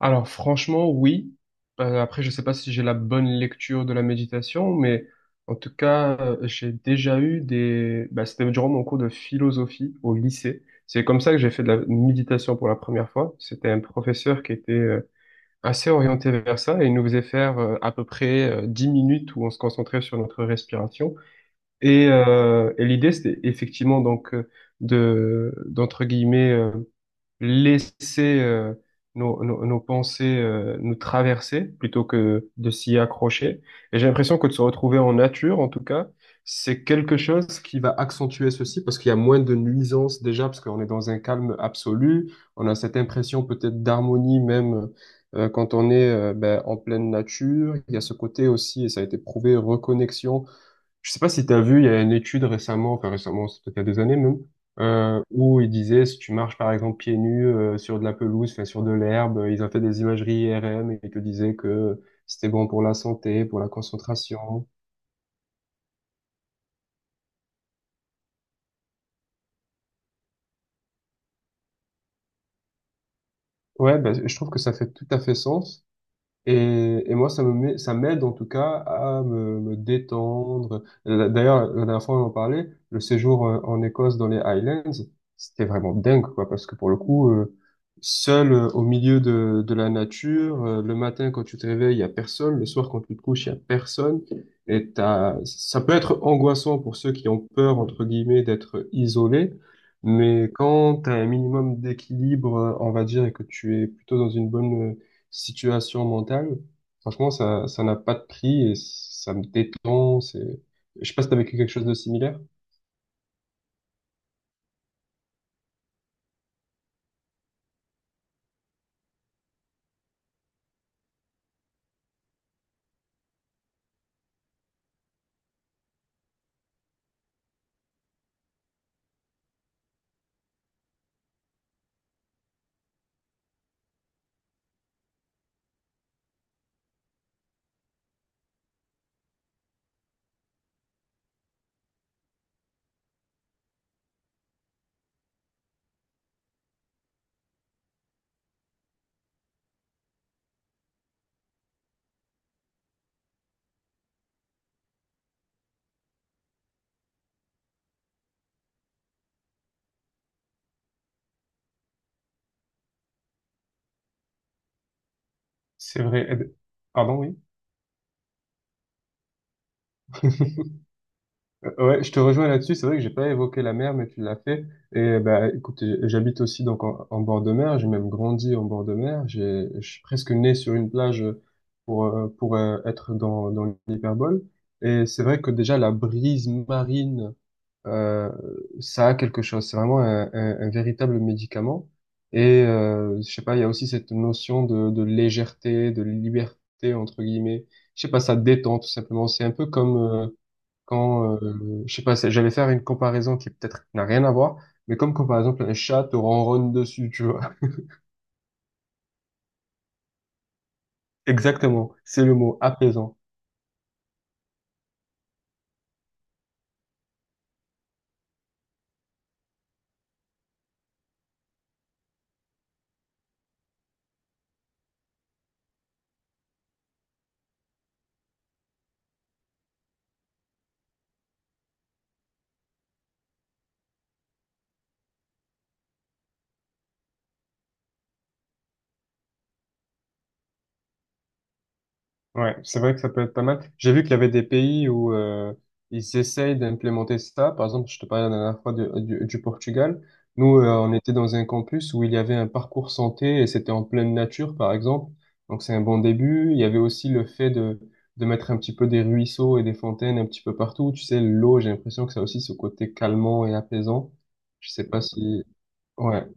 Alors franchement, oui. Après, je sais pas si j'ai la bonne lecture de la méditation, mais en tout cas, j'ai déjà eu... c'était durant mon cours de philosophie au lycée. C'est comme ça que j'ai fait de la méditation pour la première fois. C'était un professeur qui était assez orienté vers ça et il nous faisait faire à peu près 10 minutes où on se concentrait sur notre respiration. Et l'idée, c'était effectivement d'entre guillemets... laisser nos pensées nous traverser plutôt que de s'y accrocher. Et j'ai l'impression que de se retrouver en nature, en tout cas, c'est quelque chose qui va accentuer ceci parce qu'il y a moins de nuisances déjà, parce qu'on est dans un calme absolu. On a cette impression peut-être d'harmonie même quand on est en pleine nature. Il y a ce côté aussi, et ça a été prouvé, reconnexion, je sais pas si tu as vu, il y a une étude récemment, enfin récemment, c'est peut-être il y a des années même, où ils disaient si tu marches par exemple pieds nus sur de la pelouse, enfin sur de l'herbe, ils ont fait des imageries IRM et ils te disaient que c'était bon pour la santé, pour la concentration. Ouais, bah, je trouve que ça fait tout à fait sens. Et moi, ça me met, ça m'aide en tout cas à me, me détendre. La- D'ailleurs, la dernière fois, on en parlait, le séjour en Écosse dans les Highlands, c'était vraiment dingue, quoi, parce que pour le coup, seul au milieu de la nature, le matin quand tu te réveilles, il y a personne, le soir quand tu te couches, il y a personne. Et t'as, ça peut être angoissant pour ceux qui ont peur, entre guillemets, d'être isolés, mais quand tu as un minimum d'équilibre, on va dire, et que tu es plutôt dans une bonne situation mentale, franchement, ça n'a pas de prix et ça me détend. C'est, je sais pas si t'as vécu quelque chose de similaire. C'est vrai. Eh ben, pardon, oui. Ouais, je te rejoins là-dessus. C'est vrai que j'ai pas évoqué la mer, mais tu l'as fait. Et bah, écoute, j'habite aussi donc en, en bord de mer. J'ai même grandi en bord de mer. J'ai, je suis presque né sur une plage pour être dans l'hyperbole. Et c'est vrai que déjà la brise marine, euh, ça a quelque chose. C'est vraiment un, un véritable médicament. Et je sais pas, il y a aussi cette notion de légèreté, de liberté entre guillemets. Je sais pas, ça détend tout simplement. C'est un peu comme je sais pas, c'est- j'allais faire une comparaison qui peut-être n'a rien à voir, mais comme quand par exemple un chat te ronronne dessus, tu vois. Exactement, c'est le mot apaisant. Ouais, c'est vrai que ça peut être pas mal. J'ai vu qu'il y avait des pays où ils essayent d'implémenter ça. Par exemple, je te parlais la dernière fois de- du Portugal. Nous, on était dans un campus où il y avait un parcours santé et c'était en pleine nature, par exemple. Donc, c'est un bon début. Il y avait aussi le fait de mettre un petit peu des ruisseaux et des fontaines un petit peu partout. Tu sais, l'eau, j'ai l'impression que ça a aussi ce côté calmant et apaisant. Je sais pas si... Ouais.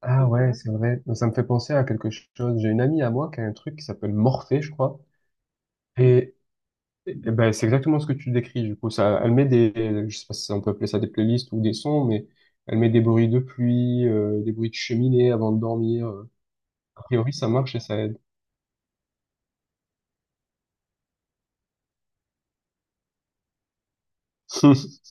Ah ouais, c'est vrai. Ça me fait penser à quelque chose. J'ai une amie à moi qui a un truc qui s'appelle Morphée, je crois. Et eh ben, c'est exactement ce que tu décris, du coup. Ça, elle met des, je sais pas si on peut appeler ça des playlists ou des sons, mais elle met des bruits de pluie, des bruits de cheminée avant de dormir. A priori, ça marche et ça aide.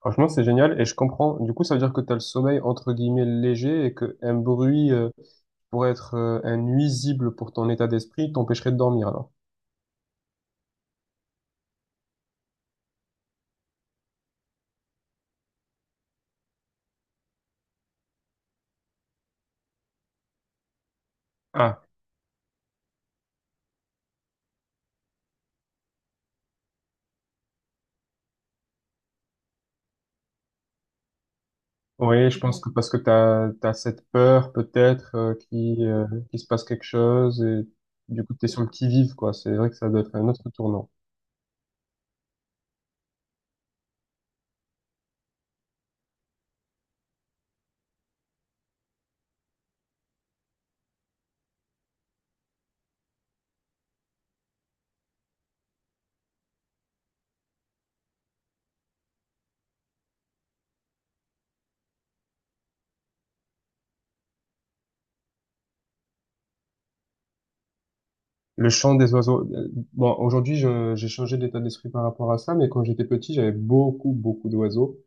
Franchement, c'est génial et je comprends. Du coup, ça veut dire que tu as le sommeil entre guillemets léger et que un bruit pourrait être un nuisible pour ton état d'esprit, t'empêcherait de dormir alors. Ah, oui, je pense que parce que t'as cette peur peut-être qui qu'il se passe quelque chose et du coup t'es sur le qui-vive quoi. C'est vrai que ça doit être un autre tournant. Le chant des oiseaux, bon, aujourd'hui je- j'ai changé d'état d'esprit par rapport à ça, mais quand j'étais petit j'avais beaucoup d'oiseaux.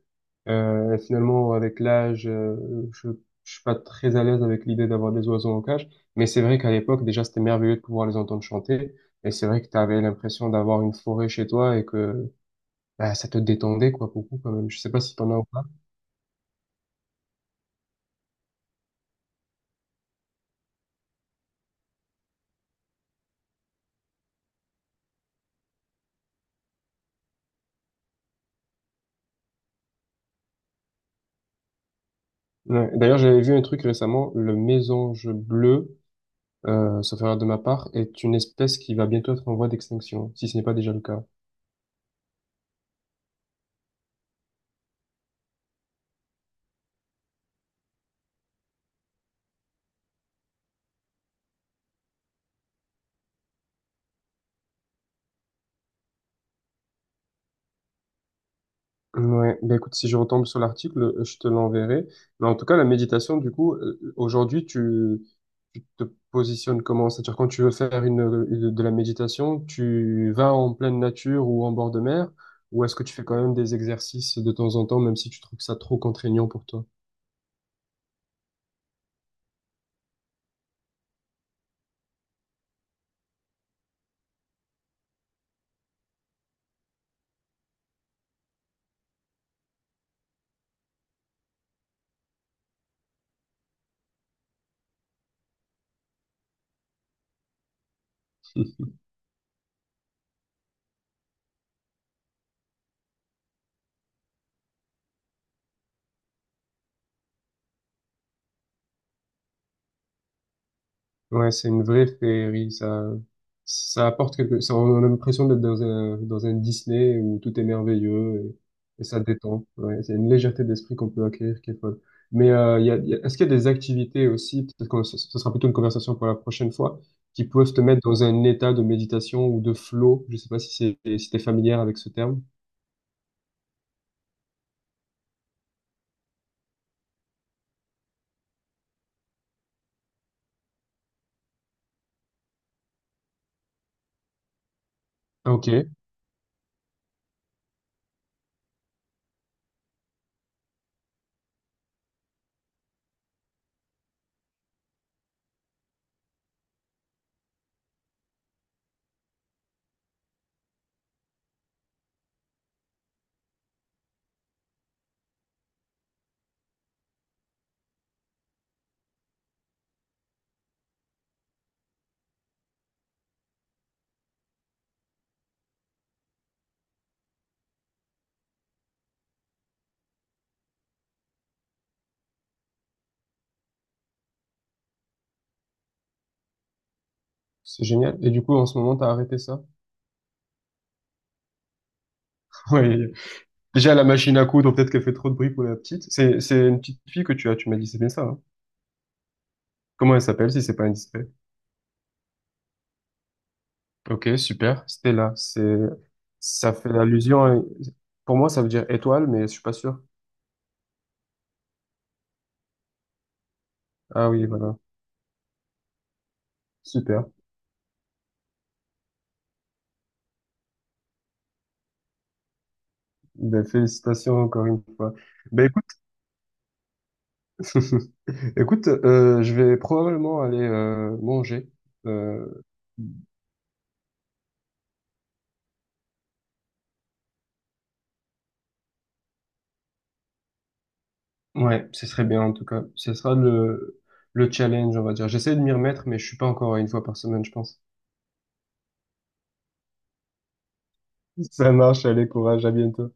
Et finalement avec l'âge, je, je suis pas très à l'aise avec l'idée d'avoir des oiseaux en cage, mais c'est vrai qu'à l'époque déjà c'était merveilleux de pouvoir les entendre chanter. Et c'est vrai que t'avais l'impression d'avoir une forêt chez toi et que bah, ça te détendait, quoi, beaucoup, quand même. Je sais pas si t'en as ou pas. Ouais. D'ailleurs, j'avais vu un truc récemment, le mésange bleu, sauf erreur de ma part, est une espèce qui va bientôt être en voie d'extinction, si ce n'est pas déjà le cas. Ouais, bah écoute, si je retombe sur l'article, je te l'enverrai. Mais en tout cas, la méditation, du coup, aujourd'hui, tu te positionnes comment? C'est-à-dire, quand tu veux faire une- de la méditation, tu vas en pleine nature ou en bord de mer, ou est-ce que tu fais quand même des exercices de temps en temps, même si tu trouves ça trop contraignant pour toi? Ouais, c'est une vraie féerie, ça apporte quelque, ça, on a l'impression d'être dans un Disney où tout est merveilleux et ça détend. Ouais, c'est une légèreté d'esprit qu'on peut acquérir qui est folle. Mais il y a- est-ce qu'il y a des activités aussi, peut-être que ce sera plutôt une conversation pour la prochaine fois, qui peuvent te mettre dans un état de méditation ou de flow? Je sais pas si c'est, si t'es familière avec ce terme. Ah, ok, c'est génial. Et du coup, en ce moment, t'as arrêté ça? Ouais. Déjà, la machine à coudre, peut-être qu'elle fait trop de bruit pour la petite. C'est une petite fille que tu as, tu m'as dit, c'est bien ça, hein? Comment elle s'appelle si c'est pas indiscret? Ok, super. Stella, c'est, ça fait allusion à- pour moi, ça veut dire étoile, mais je suis pas sûr. Ah oui, voilà. Super. Ben, félicitations encore une fois. Ben, écoute, écoute, je vais probablement aller manger. Euh, ouais, ce serait bien en tout cas. Ce sera le challenge, on va dire. J'essaie de m'y remettre, mais je suis pas encore à une fois par semaine, je pense. Ça marche, allez, courage, à bientôt.